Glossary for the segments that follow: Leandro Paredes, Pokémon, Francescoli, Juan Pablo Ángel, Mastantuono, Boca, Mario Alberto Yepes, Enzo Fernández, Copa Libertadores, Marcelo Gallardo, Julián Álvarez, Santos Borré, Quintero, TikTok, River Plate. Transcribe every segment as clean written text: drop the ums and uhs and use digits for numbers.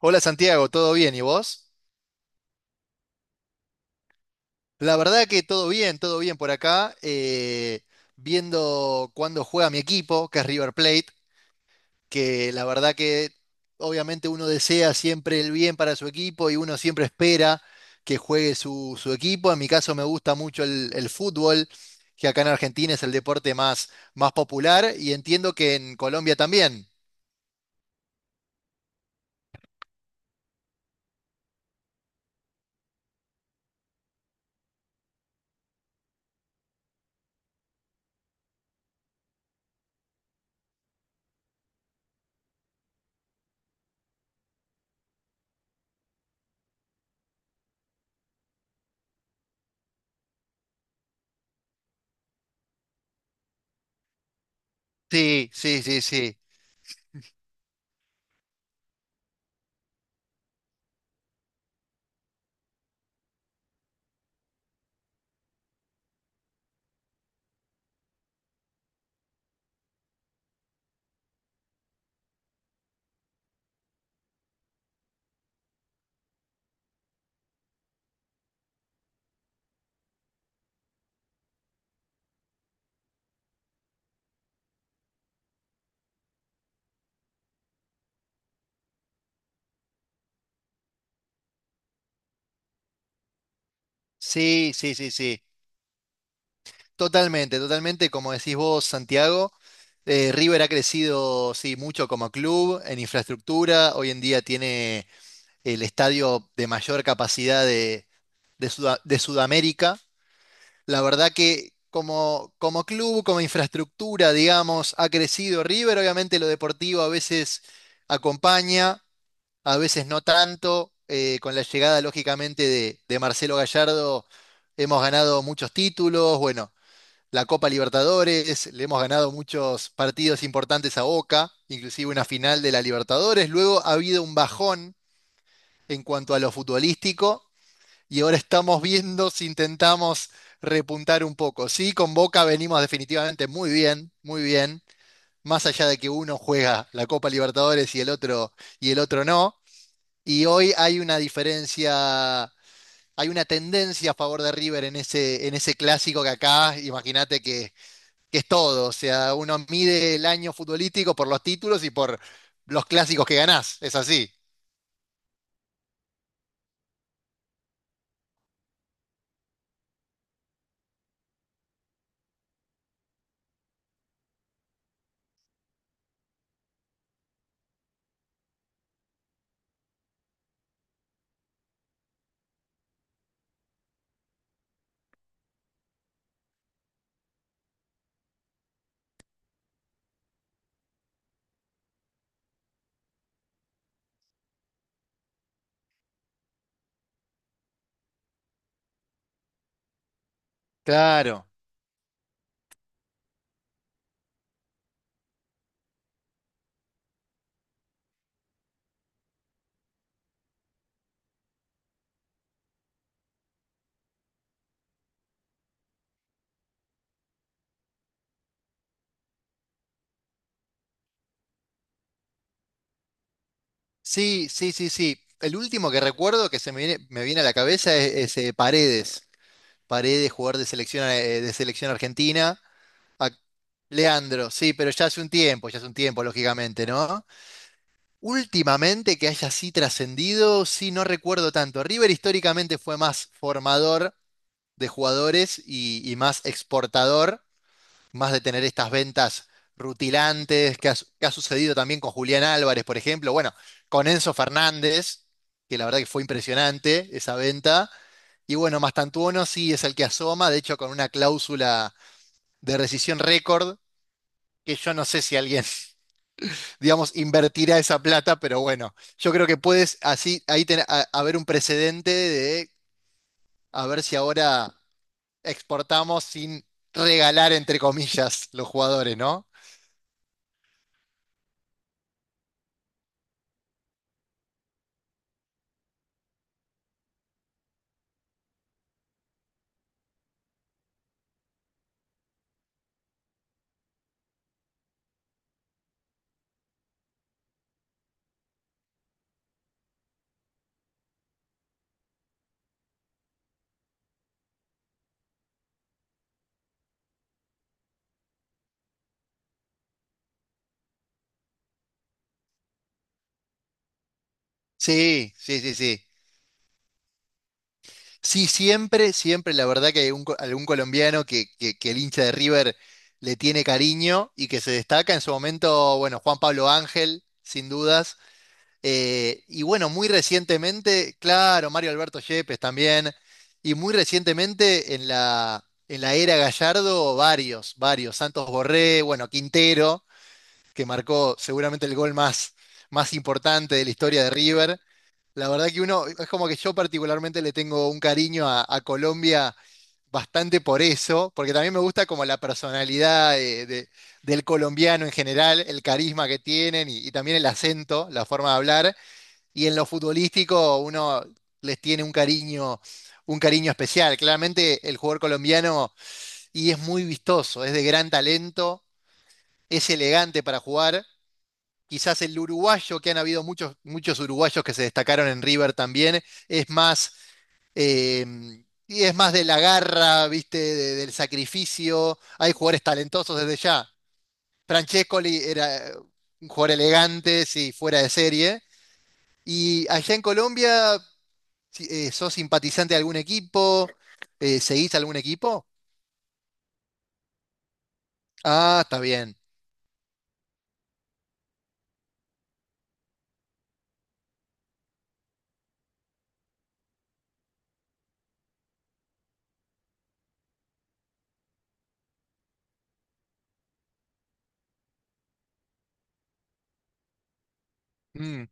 Hola Santiago, ¿todo bien? ¿Y vos? La verdad que todo bien por acá. Viendo cuándo juega mi equipo, que es River Plate, que la verdad que obviamente uno desea siempre el bien para su equipo y uno siempre espera que juegue su equipo. En mi caso me gusta mucho el fútbol, que acá en Argentina es el deporte más popular y entiendo que en Colombia también. Sí, sí, sí, sí. Sí, sí, sí, sí. Totalmente, totalmente, como decís vos, Santiago, River ha crecido, sí, mucho como club, en infraestructura, hoy en día tiene el estadio de mayor capacidad de de Sudamérica. La verdad que como club, como infraestructura, digamos, ha crecido River, obviamente lo deportivo a veces acompaña, a veces no tanto, con la llegada, lógicamente, de Marcelo Gallardo hemos ganado muchos títulos, bueno, la Copa Libertadores, le hemos ganado muchos partidos importantes a Boca, inclusive una final de la Libertadores. Luego ha habido un bajón en cuanto a lo futbolístico y ahora estamos viendo si intentamos repuntar un poco. Sí, con Boca venimos definitivamente muy bien, más allá de que uno juega la Copa Libertadores y el otro no. Y hoy hay una diferencia, hay una tendencia a favor de River en ese clásico que acá, imagínate que es todo. O sea, uno mide el año futbolístico por los títulos y por los clásicos que ganás. Es así. Claro. Sí, sí, sí, sí. El último que recuerdo que se me viene a la cabeza es Paredes. Paredes, jugador de selección argentina. A- Leandro, sí, pero ya hace un tiempo, ya hace un tiempo, lógicamente, ¿no? Últimamente que haya así trascendido, sí, no recuerdo tanto. River históricamente fue más formador de jugadores y más exportador. Más de tener estas ventas rutilantes que que ha sucedido también con Julián Álvarez, por ejemplo, bueno, con Enzo Fernández, que la verdad que fue impresionante esa venta. Y bueno, Mastantuono sí es el que asoma, de hecho con una cláusula de rescisión récord, que yo no sé si alguien, digamos, invertirá esa plata, pero bueno, yo creo que puedes así, ahí haber un precedente de a ver si ahora exportamos sin regalar, entre comillas, los jugadores, ¿no? Sí, sí, sí, sí. Sí, siempre, siempre, la verdad que hay un algún colombiano que el hincha de River le tiene cariño y que se destaca en su momento, bueno, Juan Pablo Ángel, sin dudas. Y bueno, muy recientemente, claro, Mario Alberto Yepes también. Y muy recientemente en en la era Gallardo, varios. Santos Borré, bueno, Quintero que marcó seguramente el gol más importante de la historia de River. La verdad que uno, es como que yo particularmente le tengo un cariño a Colombia bastante por eso, porque también me gusta como la personalidad del colombiano en general, el carisma que tienen y también el acento, la forma de hablar. Y en lo futbolístico uno les tiene un cariño especial. Claramente el jugador colombiano y es muy vistoso, es de gran talento, es elegante para jugar quizás el uruguayo, que han habido muchos, muchos uruguayos que se destacaron en River también, es más, eh, y es más de la garra, ¿viste? Del sacrificio. Hay jugadores talentosos desde ya. Francescoli era un jugador elegante, sí, fuera de serie. Y allá en Colombia, ¿sos simpatizante de algún equipo? ¿Seguís algún equipo? Ah, está bien. Mm,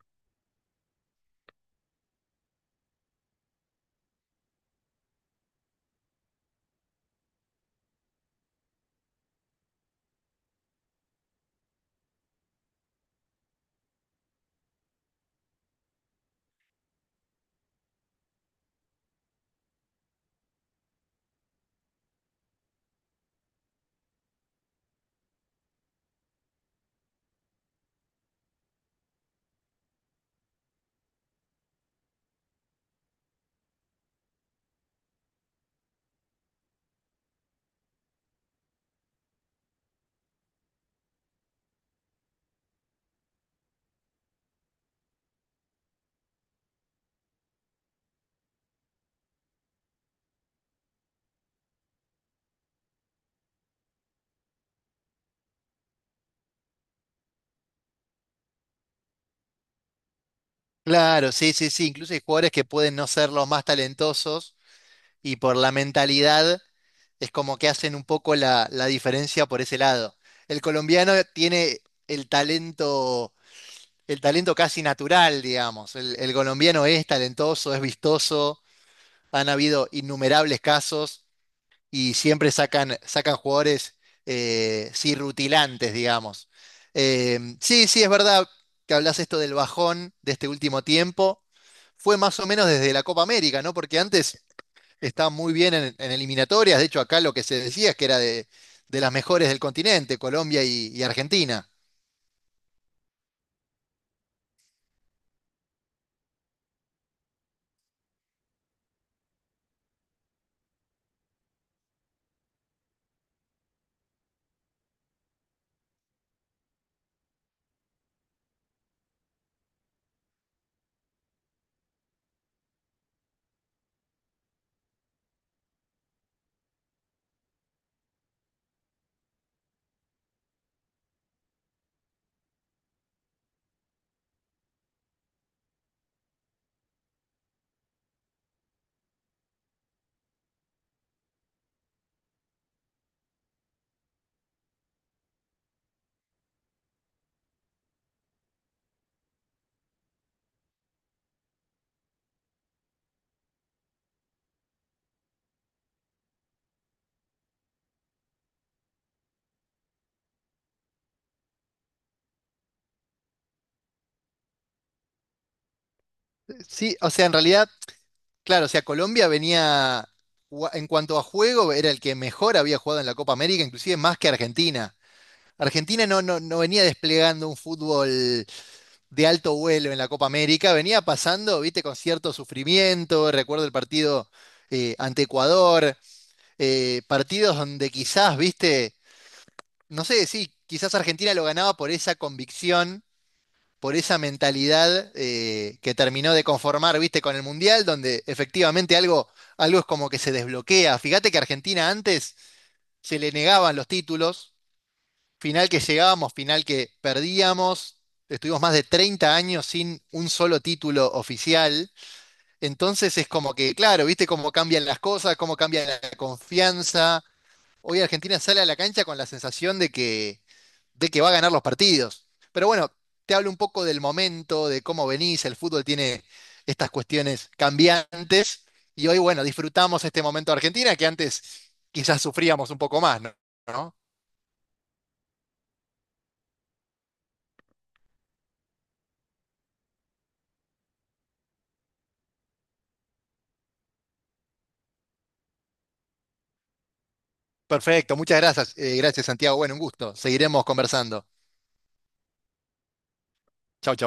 claro, sí, sí, sí. Incluso hay jugadores que pueden no ser los más talentosos y por la mentalidad es como que hacen un poco la diferencia por ese lado. El colombiano tiene el talento, el talento casi natural, digamos. El colombiano es talentoso, es vistoso, han habido innumerables casos y siempre sacan, sacan jugadores sí, rutilantes, digamos. Sí, sí, es verdad que hablas esto del bajón de este último tiempo. Fue más o menos desde la Copa América, ¿no? Porque antes está muy bien en eliminatorias. De hecho, acá lo que se decía es que era de las mejores del continente, Colombia y Argentina. Sí, o sea, en realidad, claro, o sea, Colombia venía, en cuanto a juego, era el que mejor había jugado en la Copa América, inclusive más que Argentina. Argentina no venía desplegando un fútbol de alto vuelo en la Copa América, venía pasando, viste, con cierto sufrimiento. Recuerdo el partido ante Ecuador, partidos donde quizás, viste no sé, sí, quizás Argentina lo ganaba por esa convicción, por esa mentalidad que terminó de conformar, viste, con el Mundial, donde efectivamente algo, algo es como que se desbloquea. Fíjate que Argentina antes se le negaban los títulos, final que llegábamos, final que perdíamos. Estuvimos más de 30 años sin un solo título oficial. Entonces es como que, claro, viste cómo cambian las cosas, cómo cambia la confianza, hoy Argentina sale a la cancha con la sensación de que va a ganar los partidos. Pero bueno, te hablo un poco del momento, de cómo venís, el fútbol tiene estas cuestiones cambiantes y hoy, bueno, disfrutamos este momento de Argentina que antes quizás sufríamos un poco más, ¿no? ¿No? Perfecto, muchas gracias. Gracias, Santiago. Bueno, un gusto. Seguiremos conversando. Chau, chau.